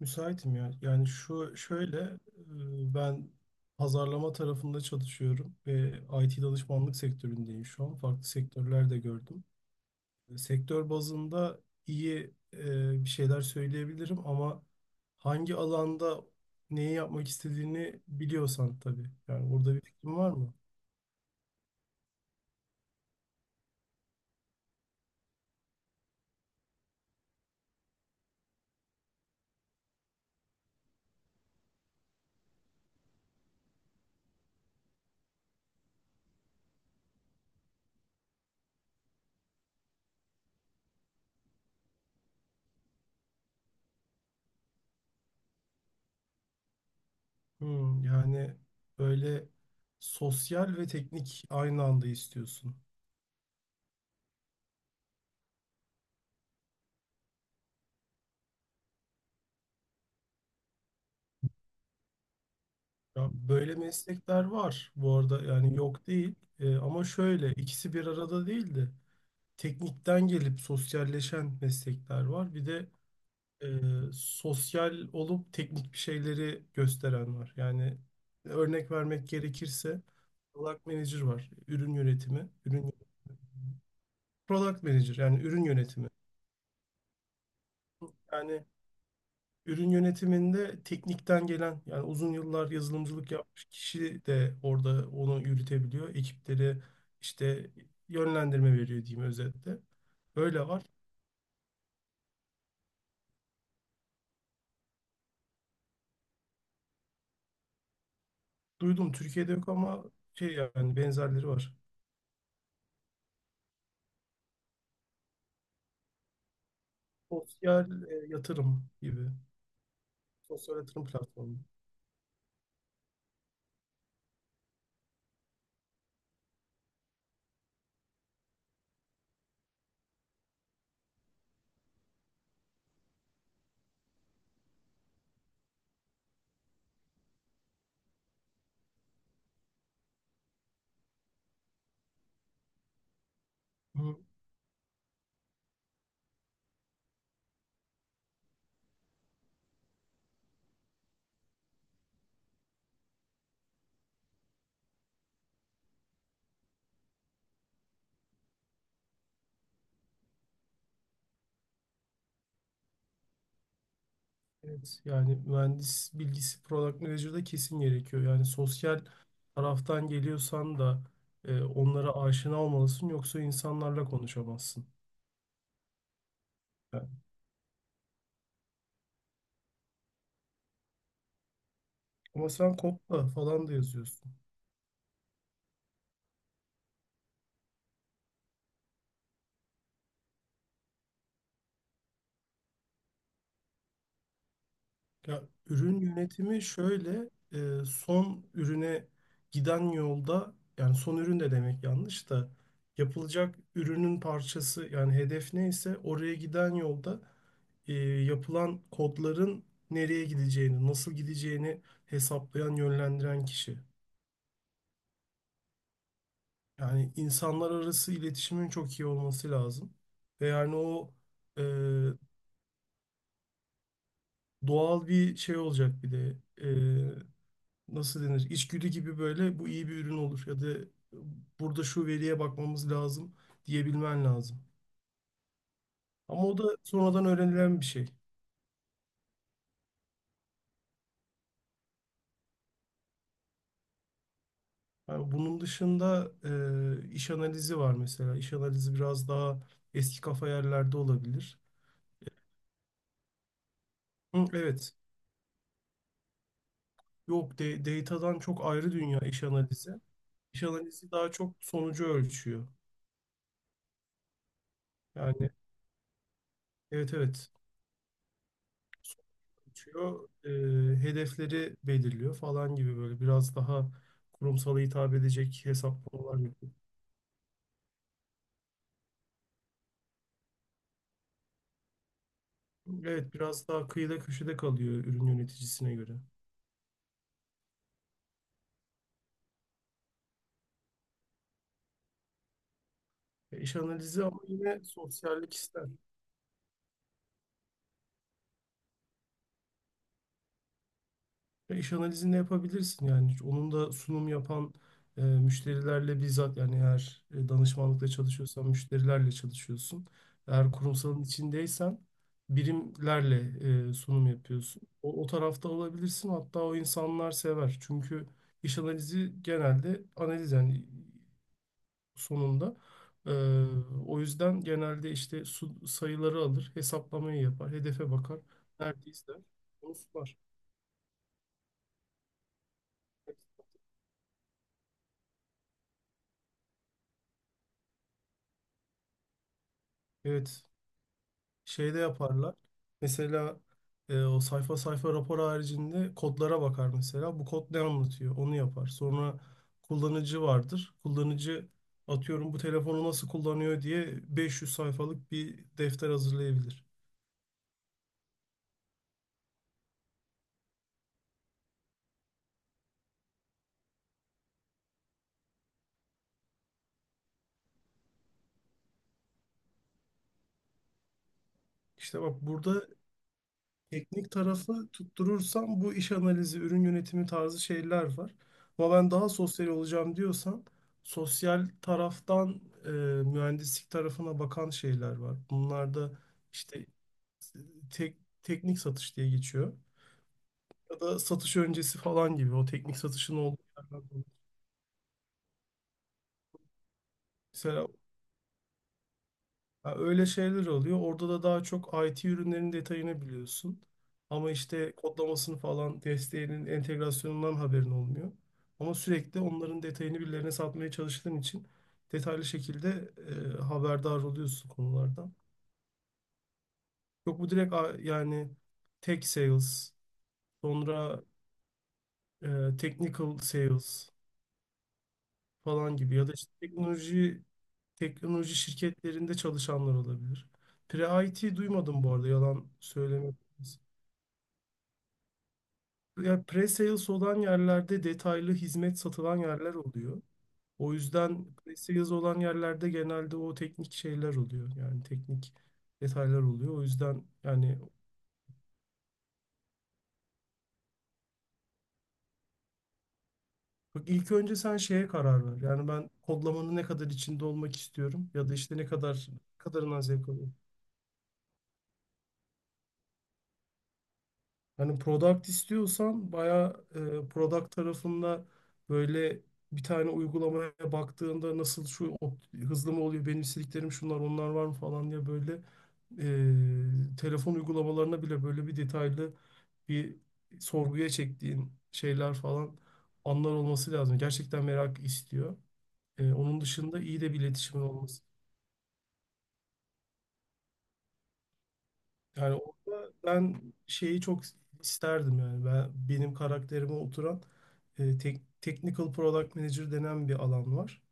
Müsaitim ya. Yani şu şöyle ben pazarlama tarafında çalışıyorum ve IT danışmanlık sektöründeyim şu an. Farklı sektörler de gördüm. Sektör bazında iyi bir şeyler söyleyebilirim ama hangi alanda neyi yapmak istediğini biliyorsan tabii. Yani orada bir fikrin var mı? Yani böyle sosyal ve teknik aynı anda istiyorsun. Ya böyle meslekler var bu arada, yani yok değil ama şöyle ikisi bir arada değil de teknikten gelip sosyalleşen meslekler var, bir de e, sosyal olup teknik bir şeyleri gösteren var. Yani örnek vermek gerekirse product manager var, ürün yönetimi. Product manager, yani ürün yönetimi. Yani ürün yönetiminde teknikten gelen, yani uzun yıllar yazılımcılık yapmış kişi de orada onu yürütebiliyor. Ekipleri işte yönlendirme veriyor diyeyim, özetle. Öyle var. Duydum, Türkiye'de yok ama şey, yani benzerleri var. Sosyal yatırım gibi. Sosyal yatırım platformu. Hı, Evet, yani mühendis bilgisi product manager'da kesin gerekiyor. Yani sosyal taraftan geliyorsan da onlara aşina olmalısın, yoksa insanlarla konuşamazsın. Ama sen kopla falan da yazıyorsun. Ya, ürün yönetimi şöyle son ürüne giden yolda, yani son ürün de demek yanlış da, yapılacak ürünün parçası. Yani hedef neyse oraya giden yolda yapılan kodların nereye gideceğini, nasıl gideceğini hesaplayan, yönlendiren kişi. Yani insanlar arası iletişimin çok iyi olması lazım. Ve yani o e, doğal bir şey olacak bir de. E, Nasıl denir, içgüdü gibi. Böyle bu iyi bir ürün olur ya da burada şu veriye bakmamız lazım diyebilmen lazım. Ama o da sonradan öğrenilen bir şey. Yani bunun dışında iş analizi var, mesela. İş analizi biraz daha eski kafa yerlerde olabilir. Hı, evet. Yok, datadan çok ayrı dünya iş analizi. İş analizi daha çok sonucu ölçüyor. Yani, evet, evet, geçiyor, hedefleri belirliyor falan gibi, böyle biraz daha kurumsala hitap edecek hesaplamalar yapıyor. Evet, biraz daha kıyıda köşede kalıyor ürün yöneticisine göre. İş analizi ama yine sosyallik ister. Ve iş analizini yapabilirsin yani. Onun da sunum yapan müşterilerle bizzat, yani eğer danışmanlıkla çalışıyorsan müşterilerle çalışıyorsun. Eğer kurumsalın içindeysen birimlerle sunum yapıyorsun. O tarafta olabilirsin, hatta o insanlar sever. Çünkü iş analizi genelde analiz, yani sonunda. E, O yüzden genelde işte sayıları alır, hesaplamayı yapar, hedefe bakar, neredeyse der, onu sunar. Evet, şey de yaparlar. Mesela o sayfa sayfa rapor haricinde kodlara bakar mesela. Bu kod ne anlatıyor? Onu yapar. Sonra kullanıcı vardır. Kullanıcı, atıyorum, bu telefonu nasıl kullanıyor diye 500 sayfalık bir defter hazırlayabilir. İşte bak, burada teknik tarafı tutturursam bu iş analizi, ürün yönetimi tarzı şeyler var. Ama ben daha sosyal olacağım diyorsan sosyal taraftan mühendislik tarafına bakan şeyler var. Bunlarda işte tek, teknik satış diye geçiyor. Ya da satış öncesi falan gibi, o teknik satışın olduğu yerler oluyor. Mesela ya, öyle şeyler oluyor. Orada da daha çok IT ürünlerin detayını biliyorsun. Ama işte kodlamasını falan, desteğinin, entegrasyonundan haberin olmuyor. Ama sürekli onların detayını birilerine satmaya çalıştığın için detaylı şekilde haberdar oluyorsun konulardan. Yok, bu direkt yani tech sales, sonra e, technical sales falan gibi, ya da işte teknoloji, şirketlerinde çalışanlar olabilir. Pre-IT duymadım bu arada, yalan söylemek. Ya, pre-sales olan yerlerde detaylı hizmet satılan yerler oluyor. O yüzden pre-sales olan yerlerde genelde o teknik şeyler oluyor. Yani teknik detaylar oluyor. O yüzden yani, bak, ilk önce sen şeye karar ver. Yani ben kodlamanın ne kadar içinde olmak istiyorum, ya da işte ne kadarından zevk alıyorum. Hani product istiyorsan bayağı product tarafında böyle, bir tane uygulamaya baktığında nasıl, şu hızlı mı oluyor, benim istediklerim şunlar, onlar var mı falan diye, böyle telefon uygulamalarına bile böyle bir detaylı bir sorguya çektiğin şeyler falan anlar olması lazım. Gerçekten merak istiyor. Onun dışında iyi de bir iletişimin olması. Yani orada ben şeyi çok isterdim, yani ben benim karakterime oturan technical product manager denen bir alan var.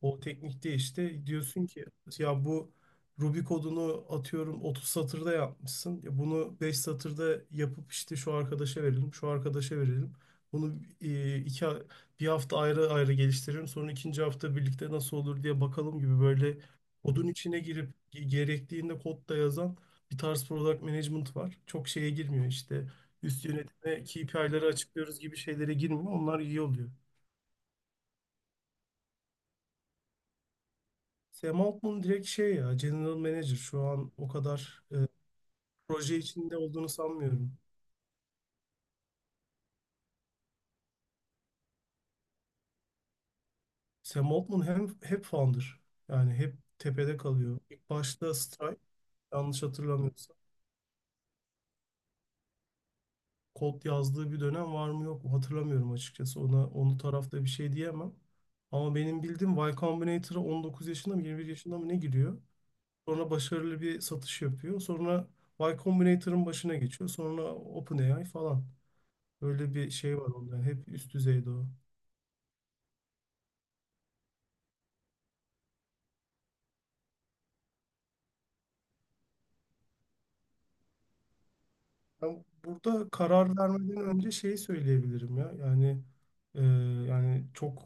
O teknikte işte diyorsun ki ya, bu Ruby kodunu atıyorum 30 satırda yapmışsın. Ya bunu 5 satırda yapıp işte şu arkadaşa verelim, şu arkadaşa verelim. Bunu e, iki ha- bir hafta ayrı ayrı geliştirelim. Sonra ikinci hafta birlikte nasıl olur diye bakalım gibi, böyle kodun içine girip gerektiğinde kodda yazan bir tarz product management var. Çok şeye girmiyor işte, üst yönetime KPI'leri açıklıyoruz gibi şeylere girmiyor. Onlar iyi oluyor. Sam Altman direkt şey ya, General Manager, şu an o kadar proje içinde olduğunu sanmıyorum. Sam Altman hem hep founder, yani hep tepede kalıyor. İlk başta Stripe, yanlış hatırlamıyorsam, kod yazdığı bir dönem var mı yok mu hatırlamıyorum açıkçası. Ona onu tarafta bir şey diyemem. Ama benim bildiğim Y Combinator'a 19 yaşında mı 21 yaşında mı ne giriyor. Sonra başarılı bir satış yapıyor. Sonra Y Combinator'ın başına geçiyor. Sonra OpenAI falan. Böyle bir şey var onda. Hep üst düzeyde o. Ben burada karar vermeden önce şeyi söyleyebilirim ya. Yani e, çok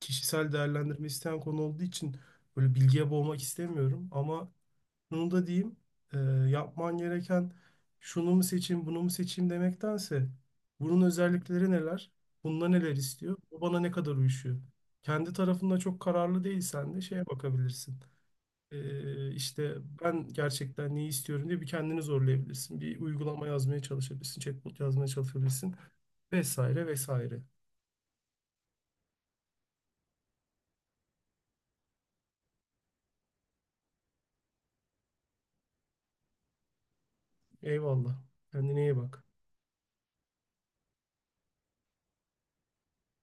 kişisel değerlendirme isteyen konu olduğu için böyle bilgiye boğmak istemiyorum. Ama şunu da diyeyim. e, Yapman gereken, şunu mu seçeyim bunu mu seçeyim demektense, bunun özellikleri neler? Bunda neler istiyor? Bu bana ne kadar uyuşuyor? Kendi tarafında çok kararlı değilsen de şeye bakabilirsin. İşte ben gerçekten neyi istiyorum diye bir kendini zorlayabilirsin. Bir uygulama yazmaya çalışabilirsin, chatbot yazmaya çalışabilirsin vesaire vesaire. Eyvallah. Kendine iyi bak.